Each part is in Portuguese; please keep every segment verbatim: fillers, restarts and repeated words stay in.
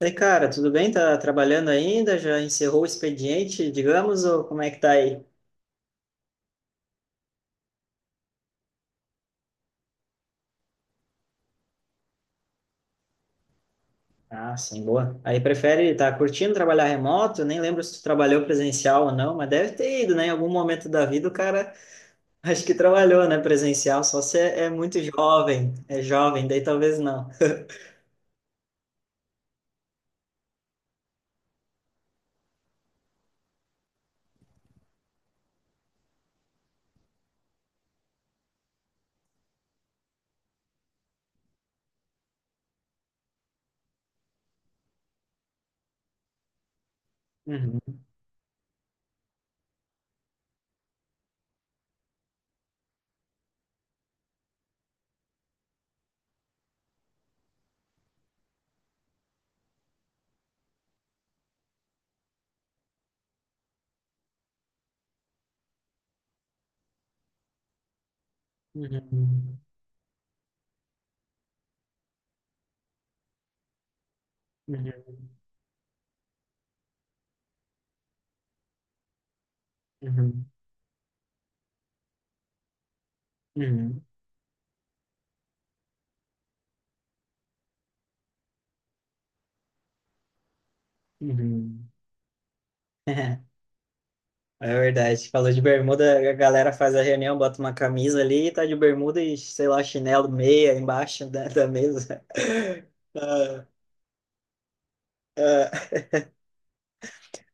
E cara, tudo bem? Tá trabalhando ainda? Já encerrou o expediente, digamos, ou como é que tá aí? Ah, sim, boa. Aí prefere, tá curtindo trabalhar remoto? Nem lembro se tu trabalhou presencial ou não, mas deve ter ido, né? Em algum momento da vida o cara acho que trabalhou, né? Presencial, só se é, é muito jovem, é jovem, daí talvez não. Uhum, uhum, uhum, uhum, uhum, uhum. É verdade. Falou de bermuda, a galera faz a reunião, bota uma camisa ali, tá de bermuda e, sei lá, chinelo, meia embaixo da, da mesa. Ah, ah,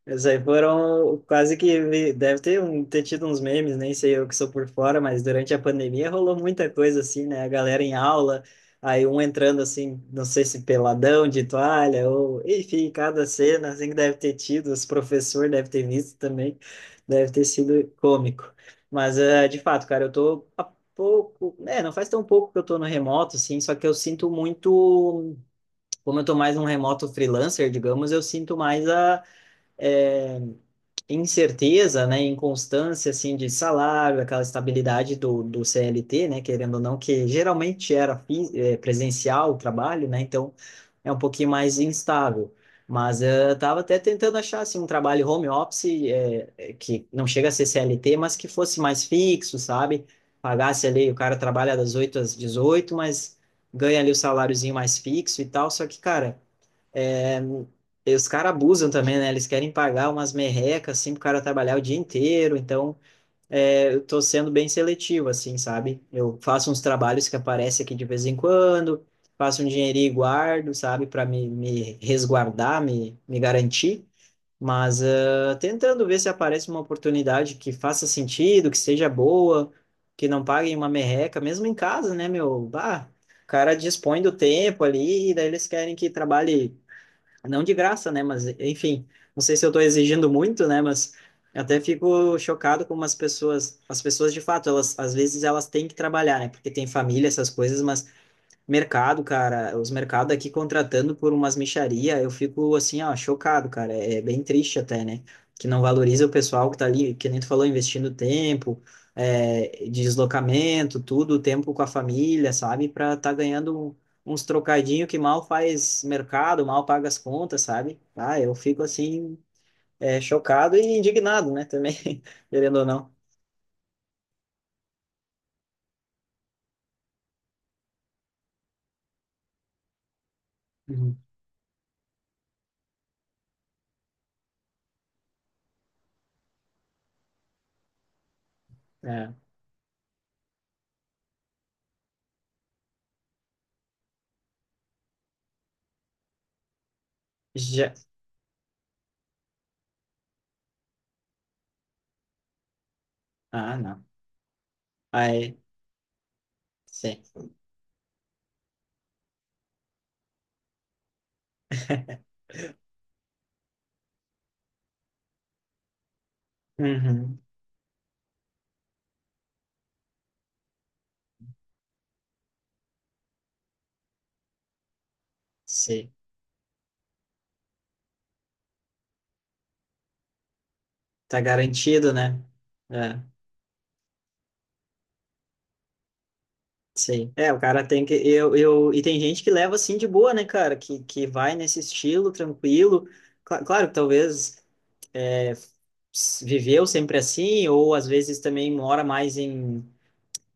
Isso aí foram quase que vi- deve ter, um, ter tido uns memes, nem sei eu que sou por fora, mas durante a pandemia rolou muita coisa assim, né? A galera em aula, aí um entrando assim, não sei se peladão de toalha, ou enfim, cada cena assim que deve ter tido, os professores devem ter visto também, deve ter sido cômico. Mas eh, de fato, cara, eu tô há pouco, né? Não faz tão pouco que eu tô no remoto, assim, só que eu sinto muito, como eu tô mais um remoto freelancer, digamos, eu sinto mais a. eh, incerteza, né, inconstância assim de salário, aquela estabilidade do, do C L T, né, querendo ou não, que geralmente era fi- eh, presencial o trabalho, né, então é um pouquinho mais instável. Mas eh, eu estava até tentando achar assim um trabalho home office eh, eh, que não chega a ser C L T, mas que fosse mais fixo, sabe? Pagasse ali, o cara trabalha das oito às dezoito, mas ganha ali o saláriozinho mais fixo e tal. Só que, cara, é, e os caras abusam também, né? Eles querem pagar umas merrecas, assim, pro cara trabalhar o dia inteiro. Então, é, eu tô sendo bem seletivo, assim, sabe? Eu faço uns trabalhos que aparecem aqui de vez em quando, faço um dinheirinho e guardo, sabe? Para me, me resguardar, me, me garantir. Mas ah, tentando ver se aparece uma oportunidade que faça sentido, que seja boa, que não paguem uma merreca, mesmo em casa, né, meu? Bah, o cara dispõe do tempo ali, e daí eles querem que trabalhe não de graça, né? Mas, enfim, não sei se eu estou exigindo muito, né? Mas eu até fico chocado como as pessoas, as pessoas de fato, elas às vezes elas têm que trabalhar, né? Porque tem família, essas coisas, mas mercado, cara, os mercados aqui contratando por umas mixaria, eu fico assim, ó, chocado, cara. É bem triste até, né? Que não valoriza o pessoal que tá ali, que nem tu falou, investindo tempo, é, deslocamento, tudo, tempo com a família, sabe? Pra tá ganhando um, uns trocadinho que mal faz mercado, mal paga as contas, sabe? Ah, eu fico assim, é, chocado e indignado, né? Também, querendo ou não. Uhum. É. Já... Ah, não. Aí, sim. Uhum. Sim. Tá garantido, né? É, sim. É, o cara tem que. Eu, eu, e tem gente que leva assim de boa, né, cara? Que, que vai nesse estilo tranquilo. Cla- claro que talvez s- viveu sempre assim, ou às vezes também mora mais em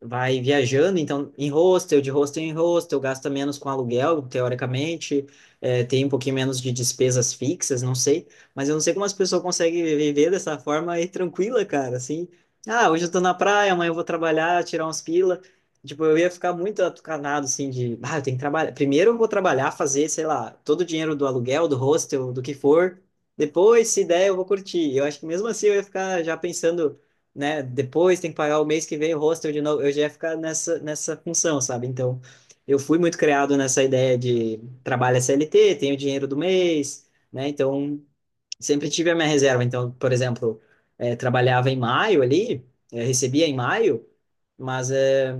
vai viajando, então em hostel, de hostel em hostel, gasta menos com aluguel, teoricamente, é, tem um pouquinho menos de despesas fixas, não sei, mas eu não sei como as pessoas conseguem viver dessa forma aí tranquila, cara, assim, ah, hoje eu tô na praia, amanhã eu vou trabalhar, tirar uns pila, tipo, eu ia ficar muito atucanado, assim, de, ah, eu tenho que trabalhar, primeiro eu vou trabalhar, fazer, sei lá, todo o dinheiro do aluguel, do hostel, do que for, depois, se der, eu vou curtir, eu acho que mesmo assim eu ia ficar já pensando, né? Depois tem que pagar o mês que vem o hostel de novo. Eu já ia ficar nessa, nessa função, sabe? Então, eu fui muito criado nessa ideia de trabalho C L T, tenho dinheiro do mês, né? Então, sempre tive a minha reserva. Então, por exemplo, eh, trabalhava em maio ali, eh, recebia em maio, mas eh,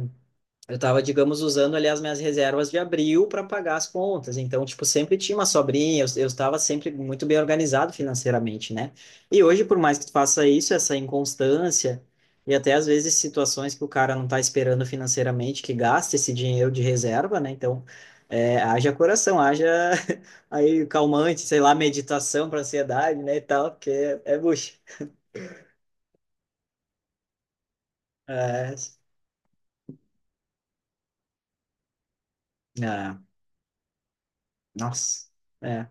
eu estava, digamos, usando ali as minhas reservas de abril para pagar as contas. Então, tipo, sempre tinha uma sobrinha, eu, eu estava sempre muito bem organizado financeiramente, né? E hoje, por mais que tu faça isso, essa inconstância e até às vezes situações que o cara não está esperando financeiramente que gasta esse dinheiro de reserva, né? Então, é, haja coração, haja aí calmante, sei lá, meditação para ansiedade, né, e tal, porque é, é bucha. É, é, nossa, é.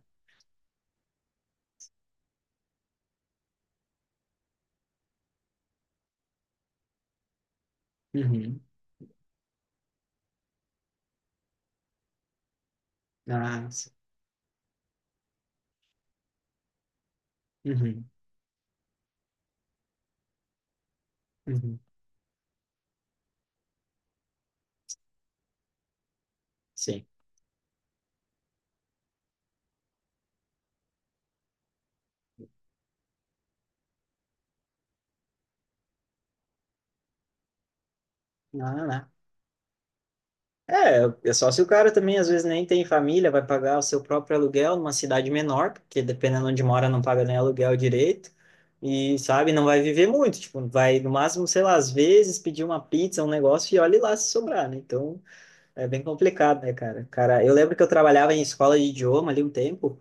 Uhum. Ah, sim. Uhum. Uhum. Sim. Não, não. É, é só se o cara também às vezes nem tem família, vai pagar o seu próprio aluguel numa cidade menor, porque dependendo onde mora não paga nem aluguel direito, e sabe, não vai viver muito, tipo, vai no máximo, sei lá, às vezes pedir uma pizza, um negócio e olhe lá se sobrar, né? Então é bem complicado, né, cara? Cara, eu lembro que eu trabalhava em escola de idioma ali um tempo,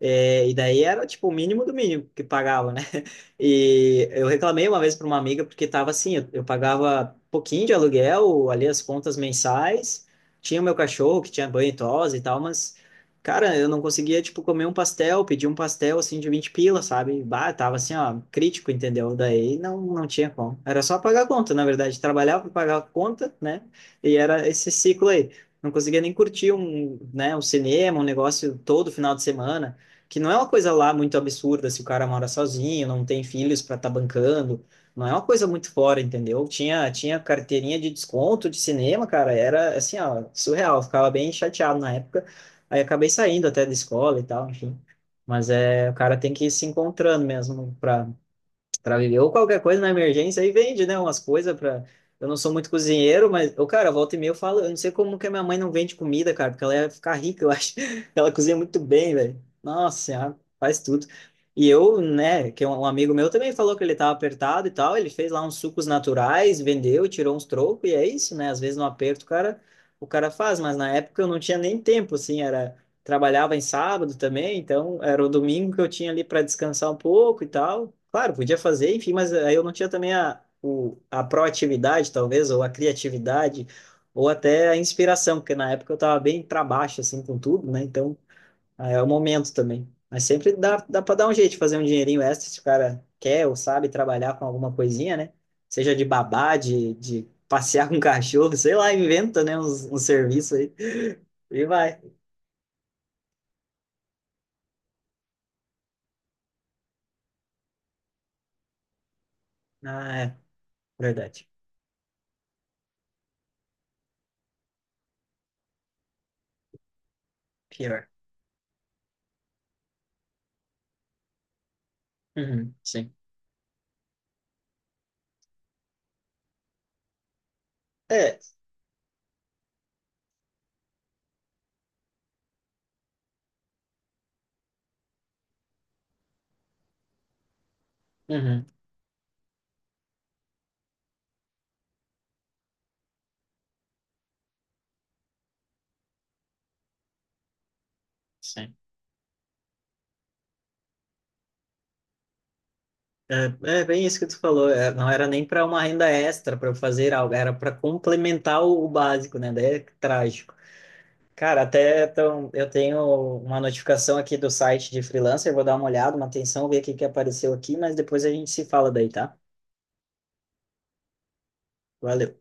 é, e daí era tipo o mínimo do mínimo que pagava, né? E eu reclamei uma vez para uma amiga porque estava assim, eu, eu pagava pouquinho de aluguel, ali as contas mensais, tinha o meu cachorro que tinha banho e tosa e tal, mas cara, eu não conseguia tipo comer um pastel, pedir um pastel assim de vinte pila, sabe? Bah, tava assim, ó, crítico, entendeu? Daí não não tinha como. Era só pagar a conta, na verdade, trabalhava para pagar a conta, né? E era esse ciclo aí. Não conseguia nem curtir um, né, um cinema, um negócio todo final de semana que não é uma coisa lá muito absurda se o cara mora sozinho, não tem filhos para estar tá bancando, não é uma coisa muito fora, entendeu? Tinha, tinha carteirinha de desconto de cinema, cara, era assim, ó, surreal, eu ficava bem chateado na época, aí acabei saindo até da escola e tal, enfim. Mas é, o cara tem que ir se encontrando mesmo para para viver ou qualquer coisa na emergência aí vende, né, umas coisas para eu não sou muito cozinheiro, mas o cara volta e meia eu falo, eu não sei como que a minha mãe não vende comida, cara, porque ela ia ficar rica, eu acho. Ela cozinha muito bem, velho. Nossa, senhora, faz tudo. E eu, né, que é um um amigo meu também falou que ele tava apertado e tal, ele fez lá uns sucos naturais, vendeu, tirou uns trocos e é isso, né? Às vezes no aperto, o cara, o cara faz, mas na época eu não tinha nem tempo, assim, era trabalhava em sábado também, então era o domingo que eu tinha ali para descansar um pouco e tal. Claro, podia fazer, enfim, mas aí eu não tinha também a, o, a proatividade, talvez, ou a criatividade, ou até a inspiração, porque na época eu estava bem para baixo, assim, com tudo, né? Então, aí é o momento também. Mas sempre dá, dá para dar um jeito de fazer um dinheirinho extra se o cara quer ou sabe trabalhar com alguma coisinha, né? Seja de babá, de, de passear com cachorro, sei lá, inventa, né, uns, um serviço aí. E vai. Ah, é. Verdade. Pior. Uhum, sim. É. Uhum, sim. É, é bem isso que tu falou. É, não era nem para uma renda extra para eu fazer algo, era para complementar o, o básico, né? Daí é trágico. Cara, até então, eu tenho uma notificação aqui do site de freelancer, vou dar uma olhada, uma atenção, ver o que que apareceu aqui, mas depois a gente se fala daí, tá? Valeu.